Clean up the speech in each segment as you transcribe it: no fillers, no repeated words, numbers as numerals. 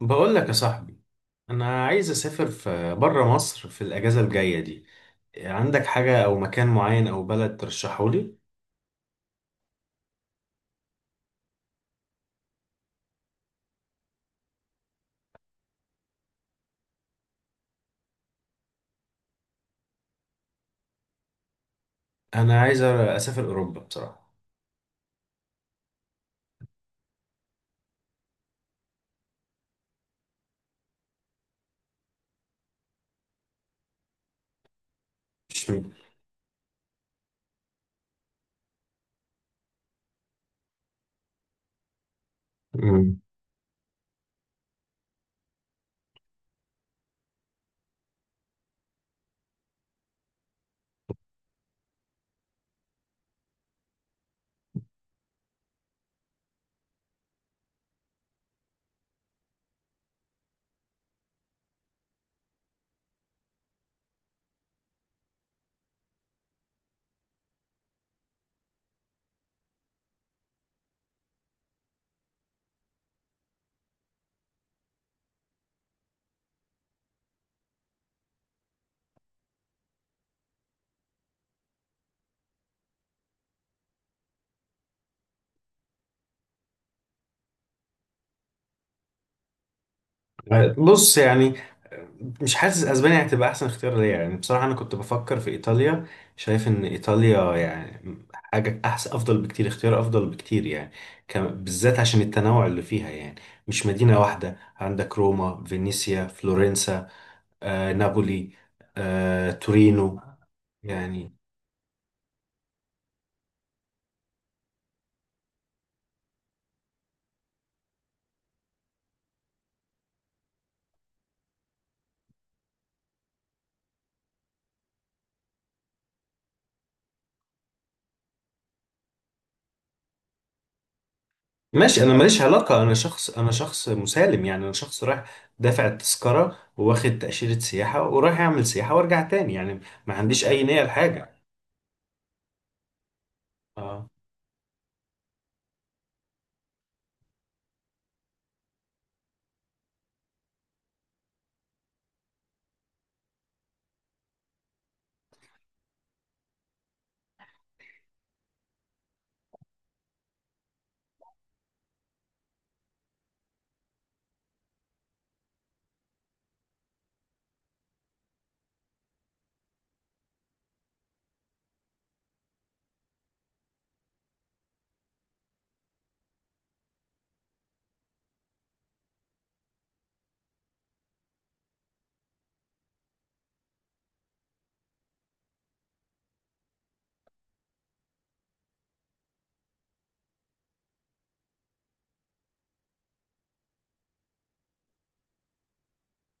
بقول لك يا صاحبي، انا عايز اسافر في بره مصر في الاجازه الجايه دي. عندك حاجه او مكان معين او بلد ترشحه لي؟ انا عايز اسافر اوروبا بصراحه. مش مم. بص يعني، مش حاسس اسبانيا هتبقى احسن اختيار ليا. يعني بصراحه انا كنت بفكر في ايطاليا، شايف ان ايطاليا يعني حاجه احسن، افضل بكتير، اختيار افضل بكتير يعني. بالذات عشان التنوع اللي فيها يعني، مش مدينه واحده، عندك روما، فينيسيا، فلورنسا، آه نابولي، آه تورينو يعني. ماشي، انا ماليش علاقة، انا شخص، انا شخص مسالم يعني، انا شخص رايح دافع التذكرة وواخد تأشيرة سياحة ورايح اعمل سياحة وارجع تاني يعني. ما عنديش اي نية لحاجة. اه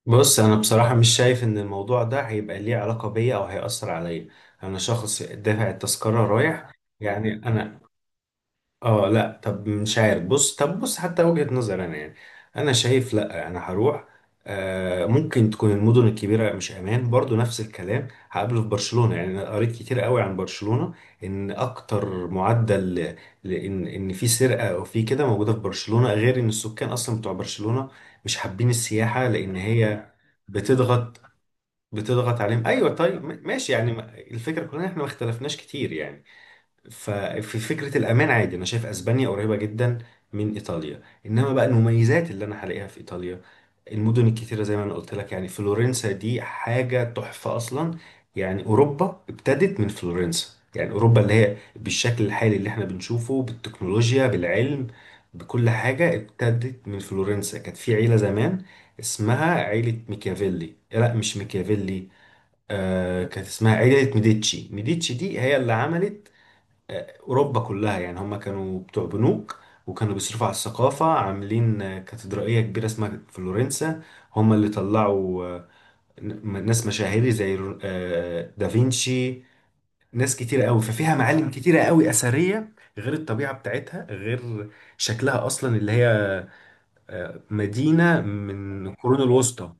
بص، انا بصراحة مش شايف ان الموضوع ده هيبقى ليه علاقة بيا او هيأثر عليا. انا شخص دافع التذكرة رايح يعني. انا اه لا، طب مش عارف، بص، طب بص، حتى وجهة نظر انا يعني، انا شايف لا، انا هروح. آه، ممكن تكون المدن الكبيرة مش امان، برضو نفس الكلام هقابله في برشلونة. يعني انا قريت كتير قوي عن برشلونة، ان اكتر معدل لان، ان في سرقة او في كده موجودة في برشلونة، غير ان السكان اصلا بتوع برشلونة مش حابين السياحة، لان هي بتضغط، بتضغط عليهم. ايوه طيب، ماشي يعني، الفكرة كلها إن احنا ما اختلفناش كتير يعني. ففي فكرة الأمان عادي، أنا شايف أسبانيا قريبة جدا من إيطاليا، إنما بقى المميزات اللي أنا هلاقيها في إيطاليا، المدن الكتيرة زي ما أنا قلت لك يعني، فلورنسا دي حاجة تحفة أصلا. يعني أوروبا ابتدت من فلورنسا، يعني أوروبا اللي هي بالشكل الحالي اللي احنا بنشوفه، بالتكنولوجيا، بالعلم، بكل حاجة، ابتدت من فلورنسا. كانت في عيلة زمان اسمها عيلة ميكافيلي، لا مش ميكافيلي، آه كانت اسمها عيلة ميديتشي. ميديتشي دي هي اللي عملت اوروبا كلها يعني. هم كانوا بتوع بنوك، وكانوا بيصرفوا على الثقافه، عاملين كاتدرائيه كبيره اسمها فلورنسا. هم اللي طلعوا ناس مشاهير زي دافينشي، ناس كتيرة قوي. ففيها معالم كتيرة قوي أثرية، غير الطبيعة بتاعتها، غير شكلها أصلا اللي هي مدينة من القرون الوسطى.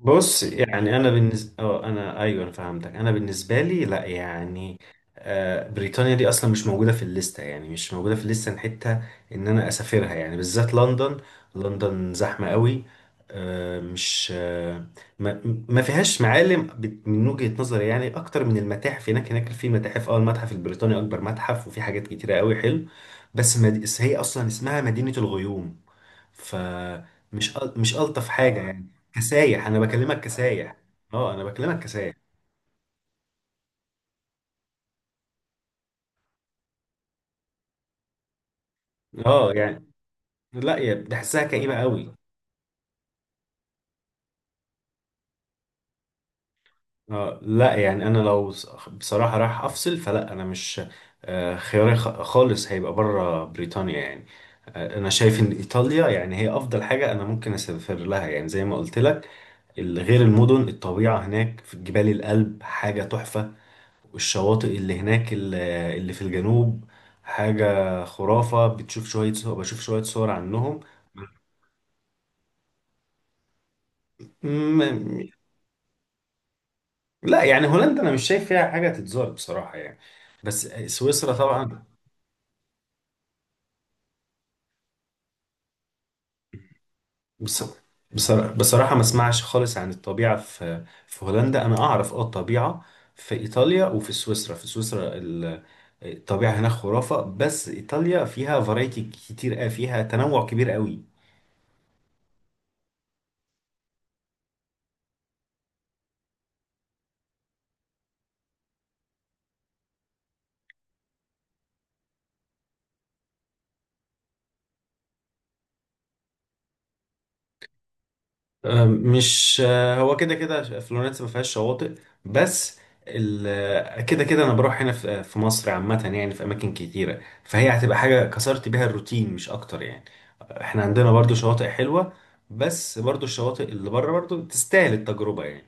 بص يعني انا بالنسبه، اه انا ايوه انا فهمتك، انا بالنسبه لي لا يعني، بريطانيا دي اصلا مش موجوده في الليسته، يعني مش موجوده في الليسته حتى ان انا اسافرها يعني، بالذات لندن. لندن زحمه قوي، آه، مش آه، ما ما فيهاش معالم من وجهه نظري يعني، اكتر من المتاحف هناك. هناك في متاحف، اه المتحف البريطاني اكبر متحف، وفي حاجات كتيره قوي حلو، بس هي اصلا اسمها مدينه الغيوم. فمش مش ألطف حاجة يعني كسايح، أنا بكلمك كسايح. أه أنا بكلمك كسايح. أه يعني لا يا، بحسها كئيبة قوي. أه لا يعني، أنا لو بصراحة رايح أفصل، فلا أنا مش، خياري خالص هيبقى بره بريطانيا يعني. آه، أنا شايف إن إيطاليا يعني هي أفضل حاجة أنا ممكن أسافر لها، يعني زي ما قلت لك، غير المدن، الطبيعة هناك في جبال الألب حاجة تحفة، والشواطئ اللي هناك اللي في الجنوب حاجة خرافة. بتشوف شوية صور، بشوف شوية صور عنهم. م- لا يعني هولندا أنا مش شايف فيها حاجة تتزار بصراحة يعني، بس سويسرا طبعا. بص... بصراحة ما اسمعش خالص عن الطبيعة في في هولندا، أنا أعرف أه الطبيعة في إيطاليا وفي سويسرا. في سويسرا الطبيعة هناك خرافة، بس إيطاليا فيها فرايتي كتير أوي، فيها تنوع كبير قوي. آه، مش آه، هو كده كده فلورنسا ما فيهاش شواطئ، بس كده كده انا بروح هنا في في مصر عامة يعني، في اماكن كتيرة، فهي هتبقى حاجة كسرت بيها الروتين مش اكتر يعني. احنا عندنا برضو شواطئ حلوة، بس برضو الشواطئ اللي بره برضو تستاهل التجربة يعني.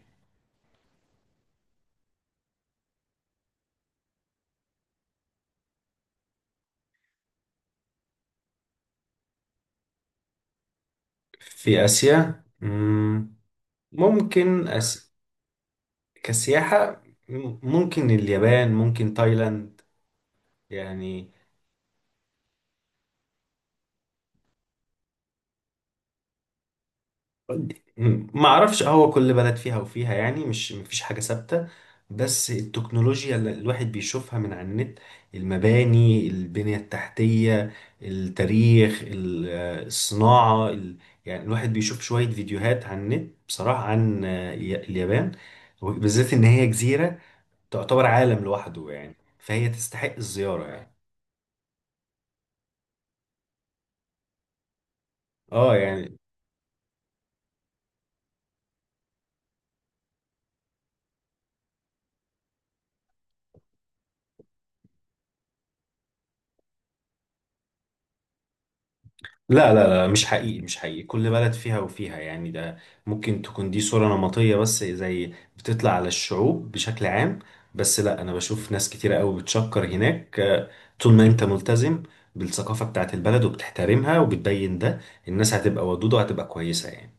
في اسيا، مم، ممكن كسياحة، مم، ممكن اليابان، ممكن تايلاند يعني. ما اعرفش، هو كل بلد فيها وفيها يعني، مش مفيش حاجة ثابتة، بس التكنولوجيا اللي الواحد بيشوفها من على النت، المباني، البنية التحتية، التاريخ، الصناعة يعني الواحد بيشوف شوية فيديوهات على النت بصراحة عن اليابان، بالذات ان هي جزيرة تعتبر عالم لوحده يعني، فهي تستحق الزيارة يعني. اه يعني لا لا لا، مش حقيقي، مش حقيقي، كل بلد فيها وفيها يعني. ده ممكن تكون دي صورة نمطية، بس زي بتطلع على الشعوب بشكل عام، بس لا، أنا بشوف ناس كتيرة قوي بتشكر هناك. آه، طول ما أنت ملتزم بالثقافة بتاعت البلد وبتحترمها وبتبين ده، الناس هتبقى ودودة وهتبقى كويسة يعني.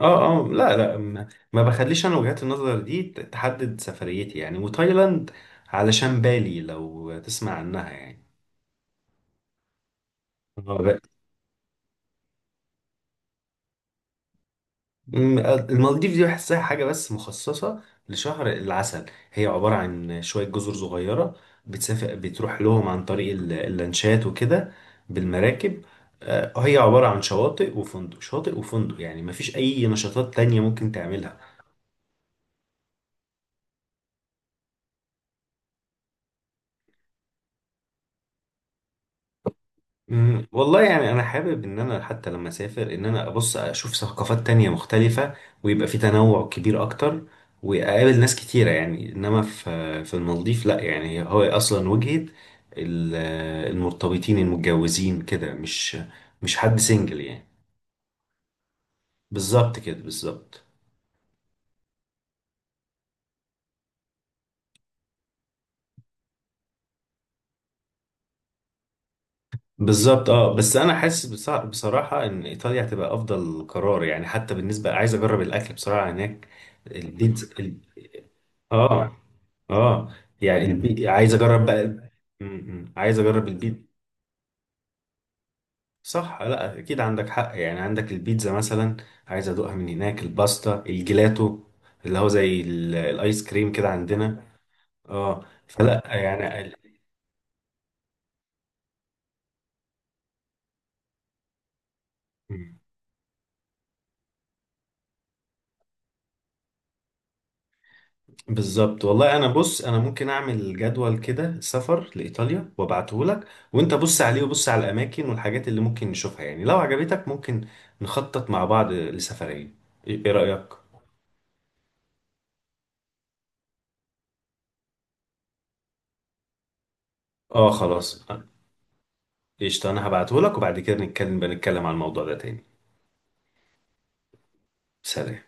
اه اه لا لا، ما بخليش أنا وجهات النظر دي تحدد سفريتي يعني. وتايلاند علشان بالي لو تسمع عنها يعني. مم، المالديف دي بحسها حاجة بس مخصصة لشهر العسل، هي عبارة عن شوية جزر صغيرة، بتسافر، بتروح لهم عن طريق اللانشات وكده، بالمراكب. آه، هي عبارة عن شواطئ وفندق، شاطئ وفندق يعني، مفيش أي نشاطات تانية ممكن تعملها. مم، والله يعني انا حابب ان انا حتى لما اسافر ان انا ابص اشوف ثقافات تانية مختلفة، ويبقى في تنوع كبير اكتر، واقابل ناس كتيرة يعني. انما في المالديف لا يعني، هو اصلا وجهة ال- المرتبطين، المتجوزين كده، مش مش حد سنجل يعني. بالظبط كده، بالظبط. بالظبط اه، بس انا حاسس بصراحة ان ايطاليا هتبقى افضل قرار يعني، حتى بالنسبة عايز اجرب الاكل بصراحة هناك، البيتزا اه اه يعني، يعني عايز اجرب بقى، م- م. عايز اجرب البيت. صح، لا اكيد عندك حق، يعني عندك البيتزا مثلا، عايز ادوقها من هناك، الباستا، الجيلاتو اللي هو زي الايس كريم كده عندنا. اه فلا يعني ال- م. بالظبط. والله انا بص، انا ممكن اعمل جدول كده سفر لايطاليا وابعته لك، وانت بص عليه وبص على الاماكن والحاجات اللي ممكن نشوفها يعني، لو عجبتك ممكن نخطط مع بعض لسفرية. إيه رأيك؟ اه خلاص، قشطة، أنا هبعتهولك وبعد كده نتكلم، بنتكلم عن الموضوع ده تاني. سلام.